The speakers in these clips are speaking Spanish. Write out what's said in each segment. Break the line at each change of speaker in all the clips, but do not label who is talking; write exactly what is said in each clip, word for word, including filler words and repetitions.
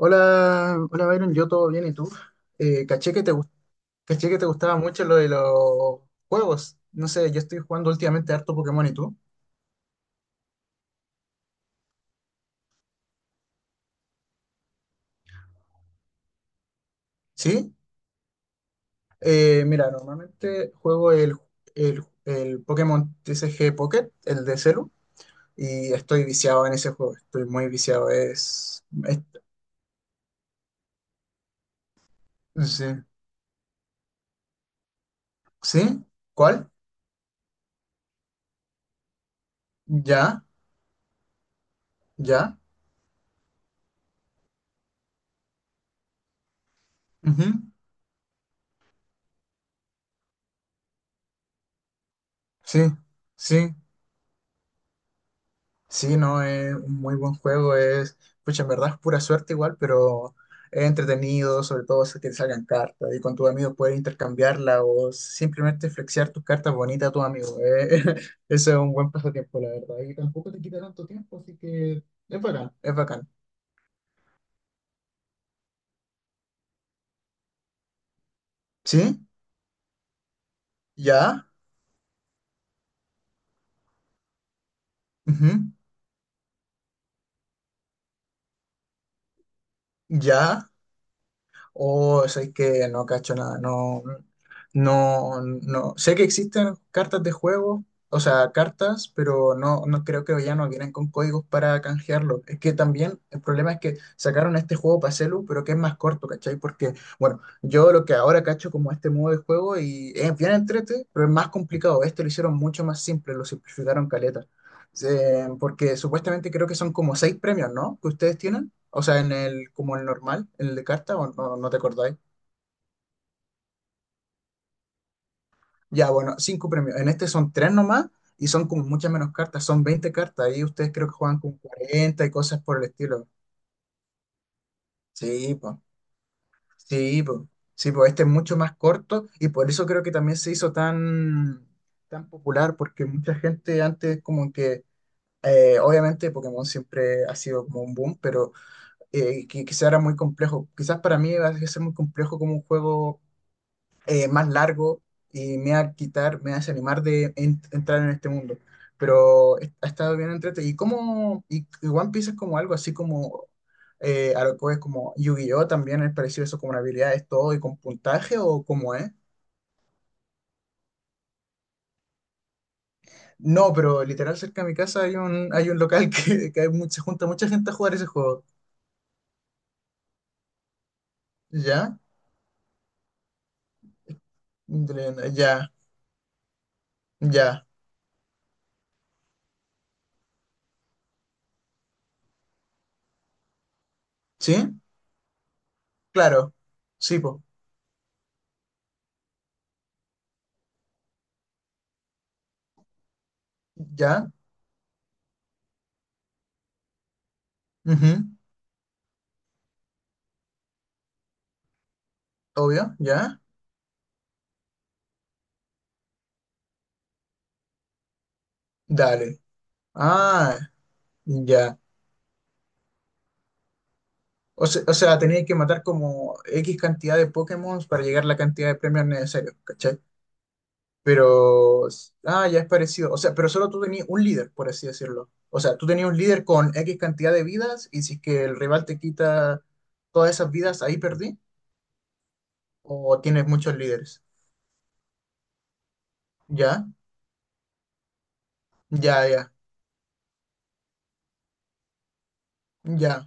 Hola, hola Byron, yo todo bien, ¿y tú? Eh, caché que te, gust- caché que te gustaba mucho lo de los juegos. No sé, yo estoy jugando últimamente harto Pokémon, ¿y tú? ¿Sí? Eh, mira, normalmente juego el, el, el Pokémon T C G Pocket, el de Celu, y estoy viciado en ese juego, estoy muy viciado. Es, es- sí, ¿sí? ¿Cuál? ¿Ya? ¿Ya? Ujú. Sí, sí. Sí, no, es un muy buen juego, es, pucha, en verdad es pura suerte igual, pero es entretenido, sobre todo si te salgan cartas y con tus amigos puedes intercambiarla o simplemente flexear tus cartas bonitas a tus amigos. eh. Eso es un buen pasatiempo, la verdad, y tampoco te quita tanto tiempo, así que es bacán, es bacán. ¿Sí? ¿Ya? Ujú. ¿Ya? O sabéis que no cacho nada, no, no, no. Sé que existen cartas de juego, o sea, cartas, pero no, no creo que ya no vienen con códigos para canjearlo. Es que también el problema es que sacaron este juego para celu, pero que es más corto, ¿cachai? Porque, bueno, yo lo que ahora cacho como este modo de juego y es bien entrete, pero es más complicado. Este lo hicieron mucho más simple, lo simplificaron caleta. Eh, porque supuestamente creo que son como seis premios, ¿no? Que ustedes tienen. O sea, en el, como el normal, en el de carta, o no, no te acordáis. Ya, bueno, cinco premios. En este son tres nomás y son como muchas menos cartas, son veinte cartas. Ahí ustedes creo que juegan con cuarenta y cosas por el estilo. Sí, pues, sí, pues, sí, pues, este es mucho más corto y por eso creo que también se hizo tan, tan popular, porque mucha gente antes como que, eh, obviamente Pokémon siempre ha sido como un boom, pero eh, que quizá era muy complejo. Quizás para mí va a ser muy complejo como un juego eh, más largo y me va a quitar, me va a desanimar de en- entrar en este mundo. Pero est- ha estado bien entretenido. ¿Y cómo? Y, y One Piece es como algo así como eh, a lo que es como Yu-Gi-Oh! También es parecido eso, como una habilidad es todo y con puntaje o cómo es. No, pero literal cerca de mi casa hay un, hay un local que, que hay mucha, se junta mucha gente a jugar ese juego. ¿Ya? Adriana, ya, ya. ¿Sí? Claro. Sí, po. ¿Ya? Ujú. Obvio, ¿ya? Dale. Ah, ya. O se- o sea, tenéis que matar como X cantidad de Pokémon para llegar a la cantidad de premios necesarios, ¿cachai? Pero, ah, ya es parecido. O sea, pero solo tú tenías un líder, por así decirlo. O sea, tú tenías un líder con X cantidad de vidas y si es que el rival te quita todas esas vidas, ahí perdí. O tienes muchos líderes. Ya, ya, ya, ya.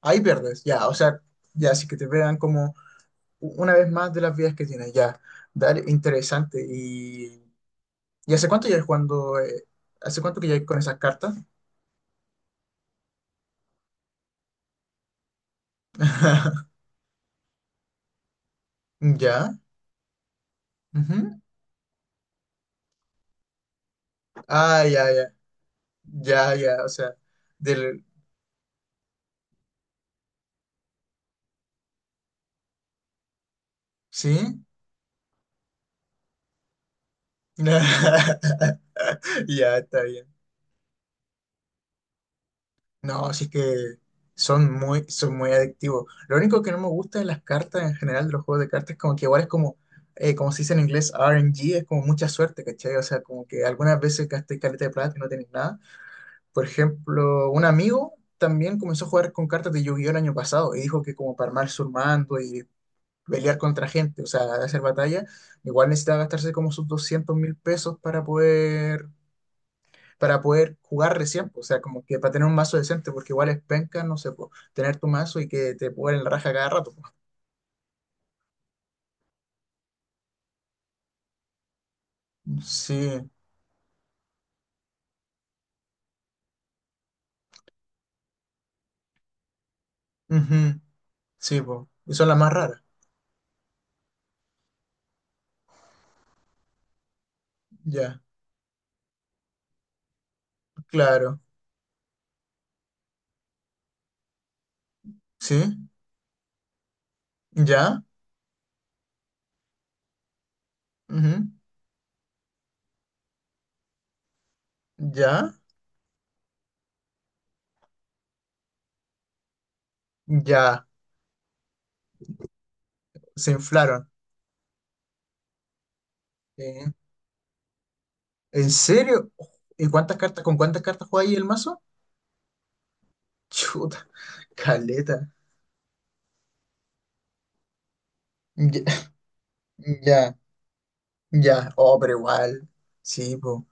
Ahí pierdes, ya. O sea, ya, así que te vean como u- una vez más de las vidas que tienes, ya. Dale, interesante. Y ¿Y hace cuánto ya jugando? eh, ¿hace cuánto que ya con esas cartas? ¿Ya? Ujú. Ah, ya, ya. Ya, ya, o sea, del... ¿Sí? Ya, está bien. No, sí que son muy, son muy adictivos. Lo único que no me gusta de las cartas en general, de los juegos de cartas, es como que igual es como, eh, como se dice en inglés, R N G, es como mucha suerte, ¿cachai? O sea, como que algunas veces gasté caleta de plata y no tenés nada. Por ejemplo, un amigo también comenzó a jugar con cartas de Yu-Gi-Oh! El año pasado y dijo que como para armar su mando y pelear contra gente, o sea, hacer batalla, igual necesitaba gastarse como sus doscientos mil pesos para poder, para poder jugar recién, pues, o sea, como que para tener un mazo decente, porque igual es penca, no sé, po, tener tu mazo y que te puedan la raja cada rato. Po. Sí, ujú, sí, po. Y son las más raras. Ya, claro. Sí, ya, ujú, ya, ya, se inflaron. Sí. ¿En serio? ¿Y cuántas cartas, con cuántas cartas juega ahí el mazo? Chuta, caleta. Ya, ya, ya. Oh, pero igual. Sí, po.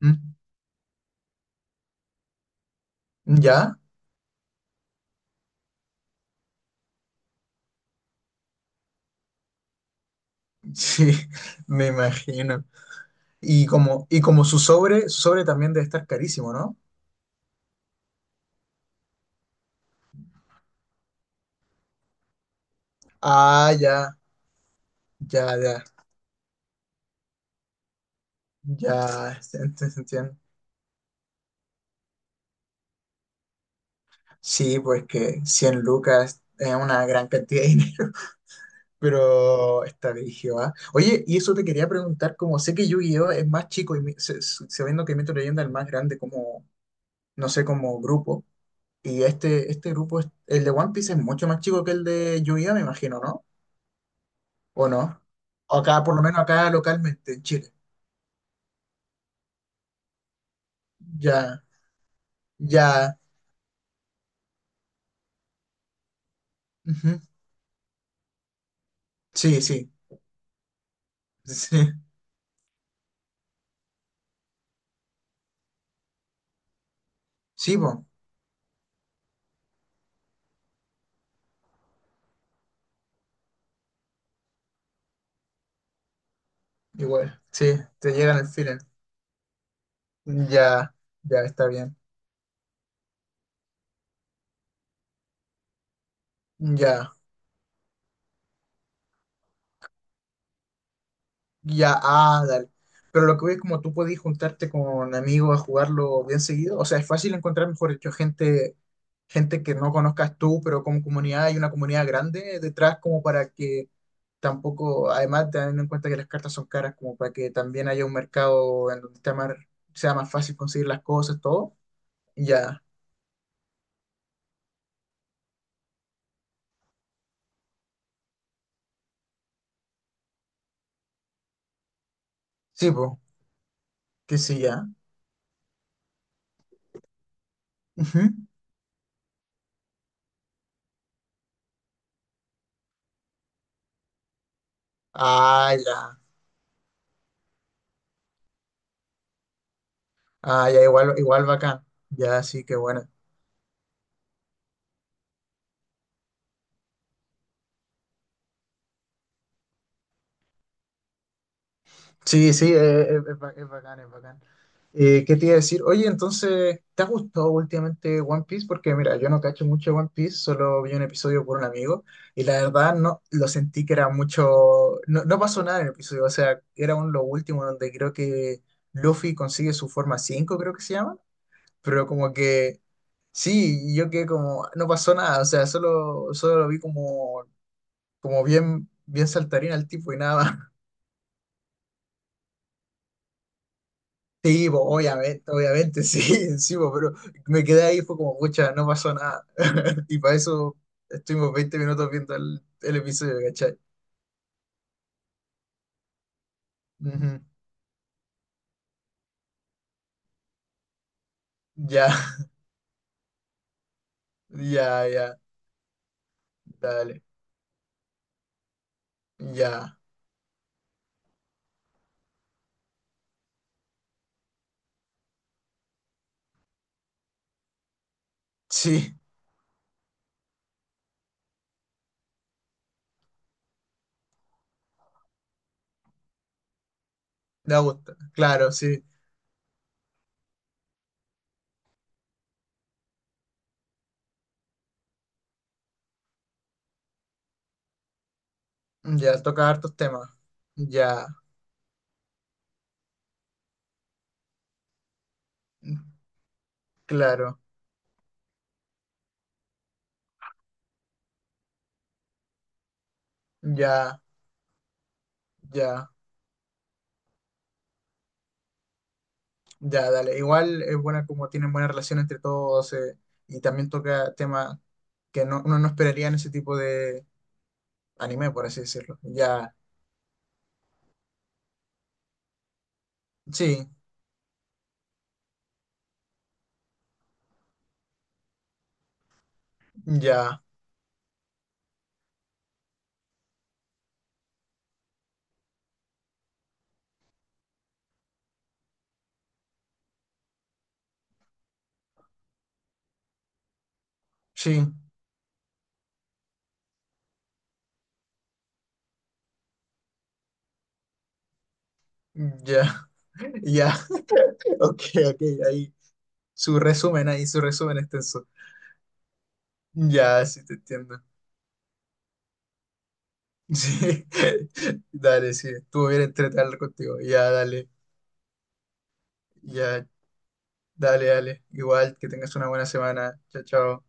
¿Mm? ¿Ya? Sí, me imagino. Y como, y como su sobre, su sobre también debe estar carísimo, ¿no? Ah, ya, ya, ya, ya, se ent- se entiende. Sí, pues que cien lucas es una gran cantidad de dinero. Pero está dirigido a... Oye, y eso te quería preguntar, como sé que Yu-Gi-Oh es más chico y mi- se- se- sabiendo que Mito Leyenda es el más grande como, no sé, como grupo, y este, este grupo, es- el de One Piece es mucho más chico que el de Yu-Gi-Oh, me imagino, ¿no? ¿O no? O acá, por lo menos acá localmente, en Chile. Ya, ya. Ujú. Sí, sí, sí. Sí, po, igual. Sí, te llegan el feeling. Ya, ya está bien. Ya. Ya, ah, dale. Pero lo que voy es como tú podés juntarte con amigos a jugarlo bien seguido. O sea, es fácil encontrar, mejor dicho, gente, gente que no conozcas tú, pero como comunidad hay una comunidad grande detrás como para que tampoco, además teniendo en cuenta que las cartas son caras, como para que también haya un mercado en donde está más- sea más fácil conseguir las cosas, todo. Ya, sí, pues, que sí, ya. Ujú. Ah, ya. Ah, ya, igual, igual bacán. Ya, sí, qué bueno. Sí, sí, eh, eh, es, ba- es bacán, es bacán. Eh, ¿qué te iba a decir? Oye, entonces, ¿te ha gustado últimamente One Piece? Porque mira, yo no cacho mucho One Piece, solo vi un episodio por un amigo y la verdad no lo sentí que era mucho, no, no pasó nada en el episodio, o sea, era un lo último donde creo que Luffy consigue su forma cinco, creo que se llama, pero como que sí, yo que como, no pasó nada, o sea, solo, solo lo vi como, como bien, bien saltarín al tipo y nada. Sí, po, obviamente, obviamente, sí, encima, pero me quedé ahí, fue como, pucha, no pasó nada. Y para eso estuvimos veinte minutos viendo el, el episodio, ¿cachai? Ujú. Ya, ya, ya, dale, ya, sí, me gusta, claro, sí, ya, toca hartos temas, ya, claro, ya, ya, ya, dale. Igual es buena como tienen buena relación entre todos eh, y también toca temas que no, uno no esperaría en ese tipo de anime, por así decirlo. Ya, sí, ya, sí, ya, ya, ok, ok, ahí, su resumen, ahí, su resumen extenso. Ya, sí, te entiendo. Sí, dale, sí, estuvo bien entretener contigo. Ya, dale, ya, dale, dale. Igual, que tengas una buena semana. Chao, chao.